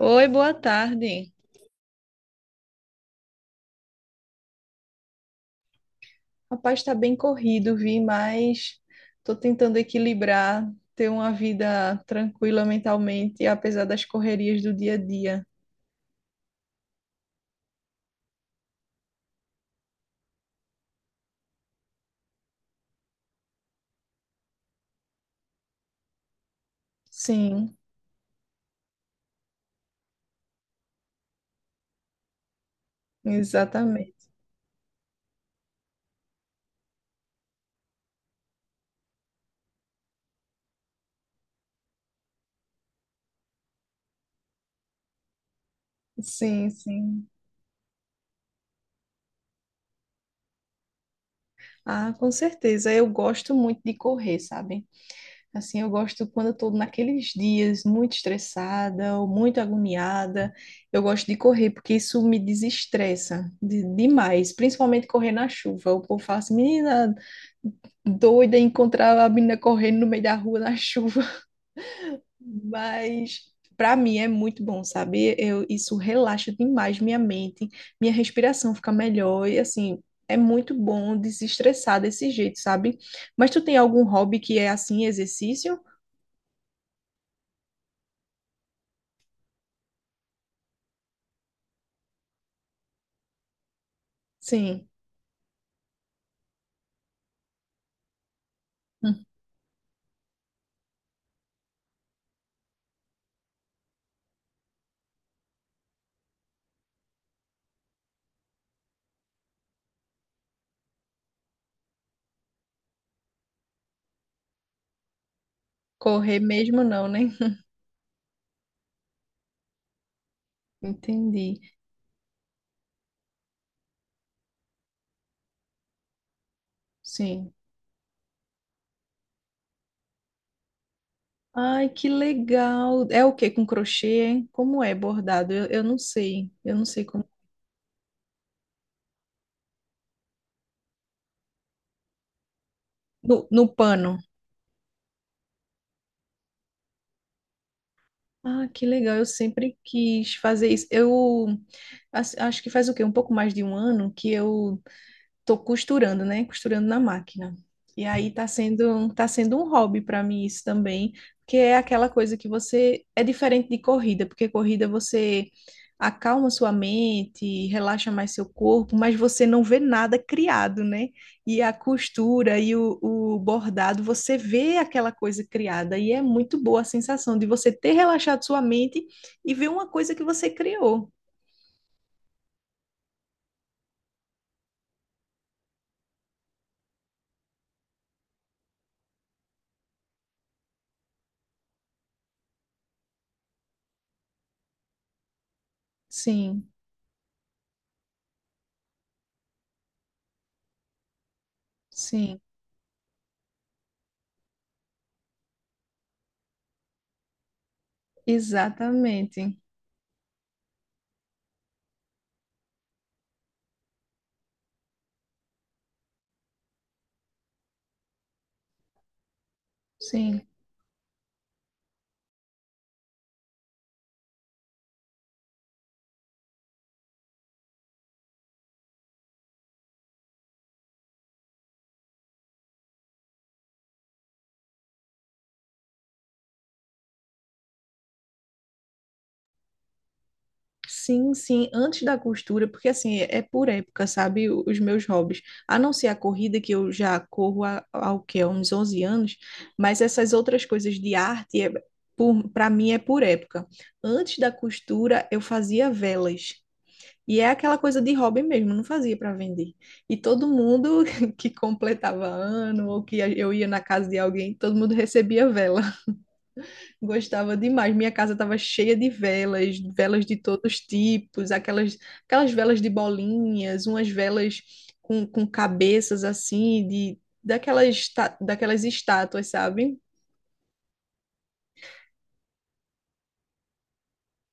Oi, boa tarde. Rapaz, está bem corrido, vi, mas estou tentando equilibrar, ter uma vida tranquila mentalmente, apesar das correrias do dia a dia. Sim, exatamente. Sim, sim. Ah, com certeza. Eu gosto muito de correr, sabe? Assim, eu gosto quando eu estou naqueles dias muito estressada ou muito agoniada, eu gosto de correr porque isso me desestressa demais, principalmente correr na chuva. O povo fala assim, menina doida encontrar a menina correndo no meio da rua na chuva. Mas para mim é muito bom, sabe? Eu, isso relaxa demais minha mente, minha respiração fica melhor e assim, é muito bom desestressar desse jeito, sabe? Mas tu tem algum hobby que é assim, exercício? Sim. Hum. Correr mesmo não, né? Entendi. Sim. Ai, que legal. É o que com crochê, hein? Como é bordado? Eu não sei. Eu não sei como. No, no pano. Ah, que legal. Eu sempre quis fazer isso. Eu acho que faz o quê? Um pouco mais de um ano que eu tô costurando, né? Costurando na máquina. E aí tá sendo um hobby para mim isso também, porque é aquela coisa que você é diferente de corrida, porque corrida você acalma sua mente, relaxa mais seu corpo, mas você não vê nada criado, né? E a costura e o bordado, você vê aquela coisa criada e é muito boa a sensação de você ter relaxado sua mente e ver uma coisa que você criou. Sim, sim, exatamente. Sim. Sim, sim, antes da costura, porque assim, é por época, sabe, o- os meus hobbies. A não ser a corrida, que eu já corro há o quê? Há uns 11 anos, mas essas outras coisas de arte, é, por, para mim, é por época. Antes da costura, eu fazia velas. E é aquela coisa de hobby mesmo, não fazia para vender. E todo mundo que completava ano, ou que eu ia na casa de alguém, todo mundo recebia vela. Gostava demais. Minha casa estava cheia de velas, velas de todos os tipos, aquelas, aquelas velas de bolinhas, umas velas com cabeças assim, de daquelas, daquelas estátuas, sabe?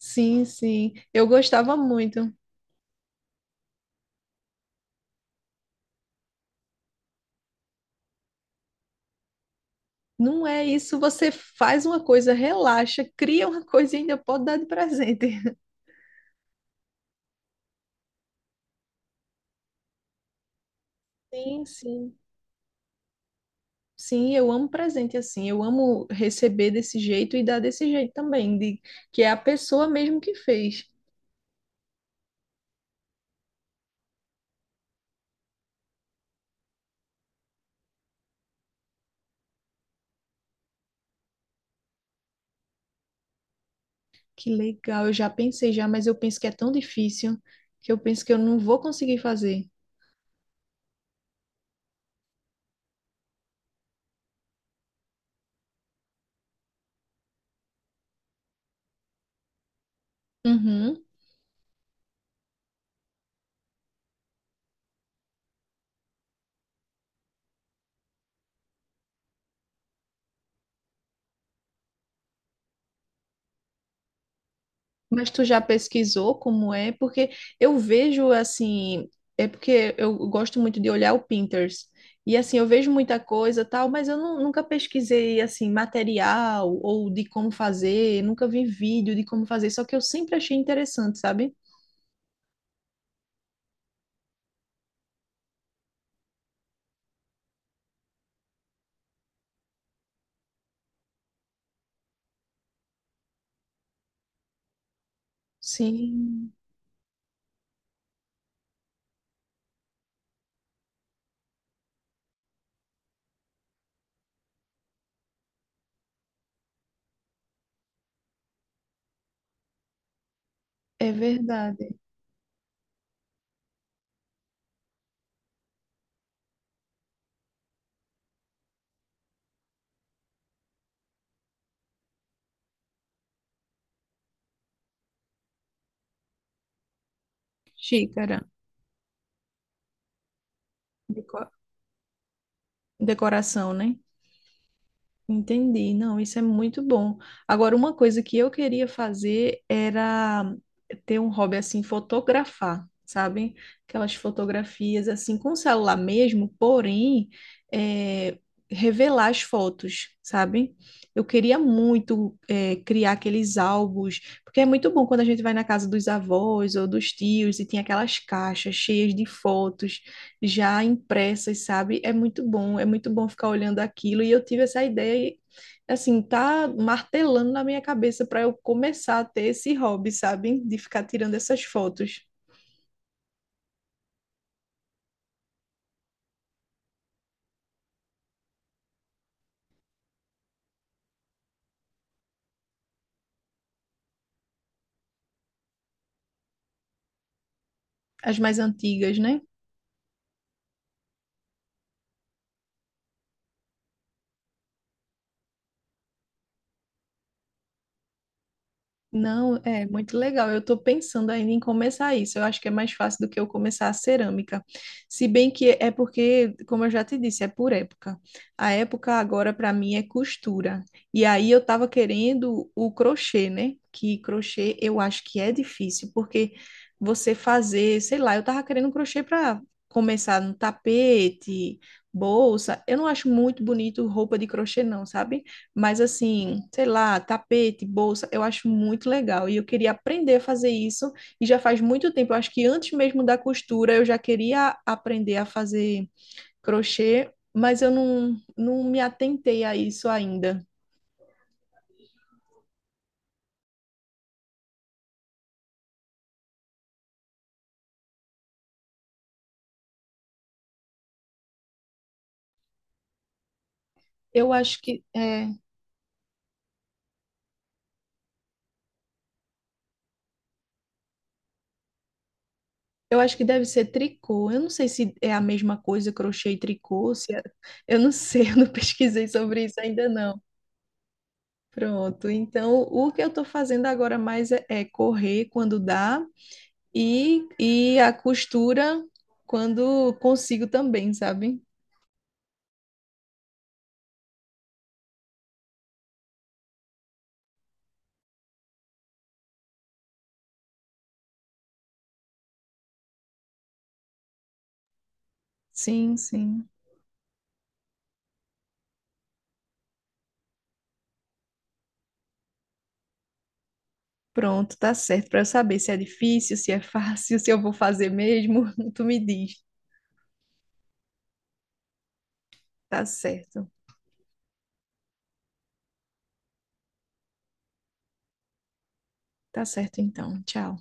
Sim, sim. Eu gostava muito. Não é isso, você faz uma coisa, relaxa, cria uma coisa e ainda pode dar de presente. Sim, sim. Sim, eu amo presente assim. Eu amo receber desse jeito e dar desse jeito também, de que é a pessoa mesmo que fez. Que legal, eu já pensei já, mas eu penso que é tão difícil que eu penso que eu não vou conseguir fazer. Uhum. Mas tu já pesquisou como é? Porque eu vejo assim, é porque eu gosto muito de olhar o Pinterest. E assim, eu vejo muita coisa tal, mas eu nunca pesquisei assim material ou de como fazer, nunca vi vídeo de como fazer, só que eu sempre achei interessante, sabe? Sim, é verdade. Xícara, deco- decoração, né? Entendi. Não, isso é muito bom. Agora, uma coisa que eu queria fazer era ter um hobby assim, fotografar, sabe? Aquelas fotografias assim com celular mesmo, porém, é, revelar as fotos, sabe? Eu queria muito é, criar aqueles álbuns, porque é muito bom quando a gente vai na casa dos avós ou dos tios e tem aquelas caixas cheias de fotos já impressas, sabe? É muito bom ficar olhando aquilo. E eu tive essa ideia e, assim, tá martelando na minha cabeça para eu começar a ter esse hobby, sabe? De ficar tirando essas fotos, as mais antigas, né? Não, é muito legal. Eu estou pensando ainda em começar isso. Eu acho que é mais fácil do que eu começar a cerâmica. Se bem que é porque, como eu já te disse, é por época. A época agora para mim é costura. E aí eu estava querendo o crochê, né? Que crochê eu acho que é difícil, porque você fazer, sei lá, eu estava querendo um crochê para começar no tapete, bolsa. Eu não acho muito bonito roupa de crochê, não, sabe? Mas assim, sei lá, tapete, bolsa, eu acho muito legal. E eu queria aprender a fazer isso. E já faz muito tempo, eu acho que antes mesmo da costura, eu já queria aprender a fazer crochê, mas eu não, não me atentei a isso ainda. Eu acho que é, eu acho que deve ser tricô. Eu não sei se é a mesma coisa, crochê e tricô, se é- eu não sei, eu não pesquisei sobre isso ainda não. Pronto, então o que eu estou fazendo agora mais é correr quando dá E, e a costura quando consigo também, sabe? Sim, sim. Pronto, tá certo. Para eu saber se é difícil, se é fácil, se eu vou fazer mesmo, tu me diz. Tá certo. Tá certo então. Tchau.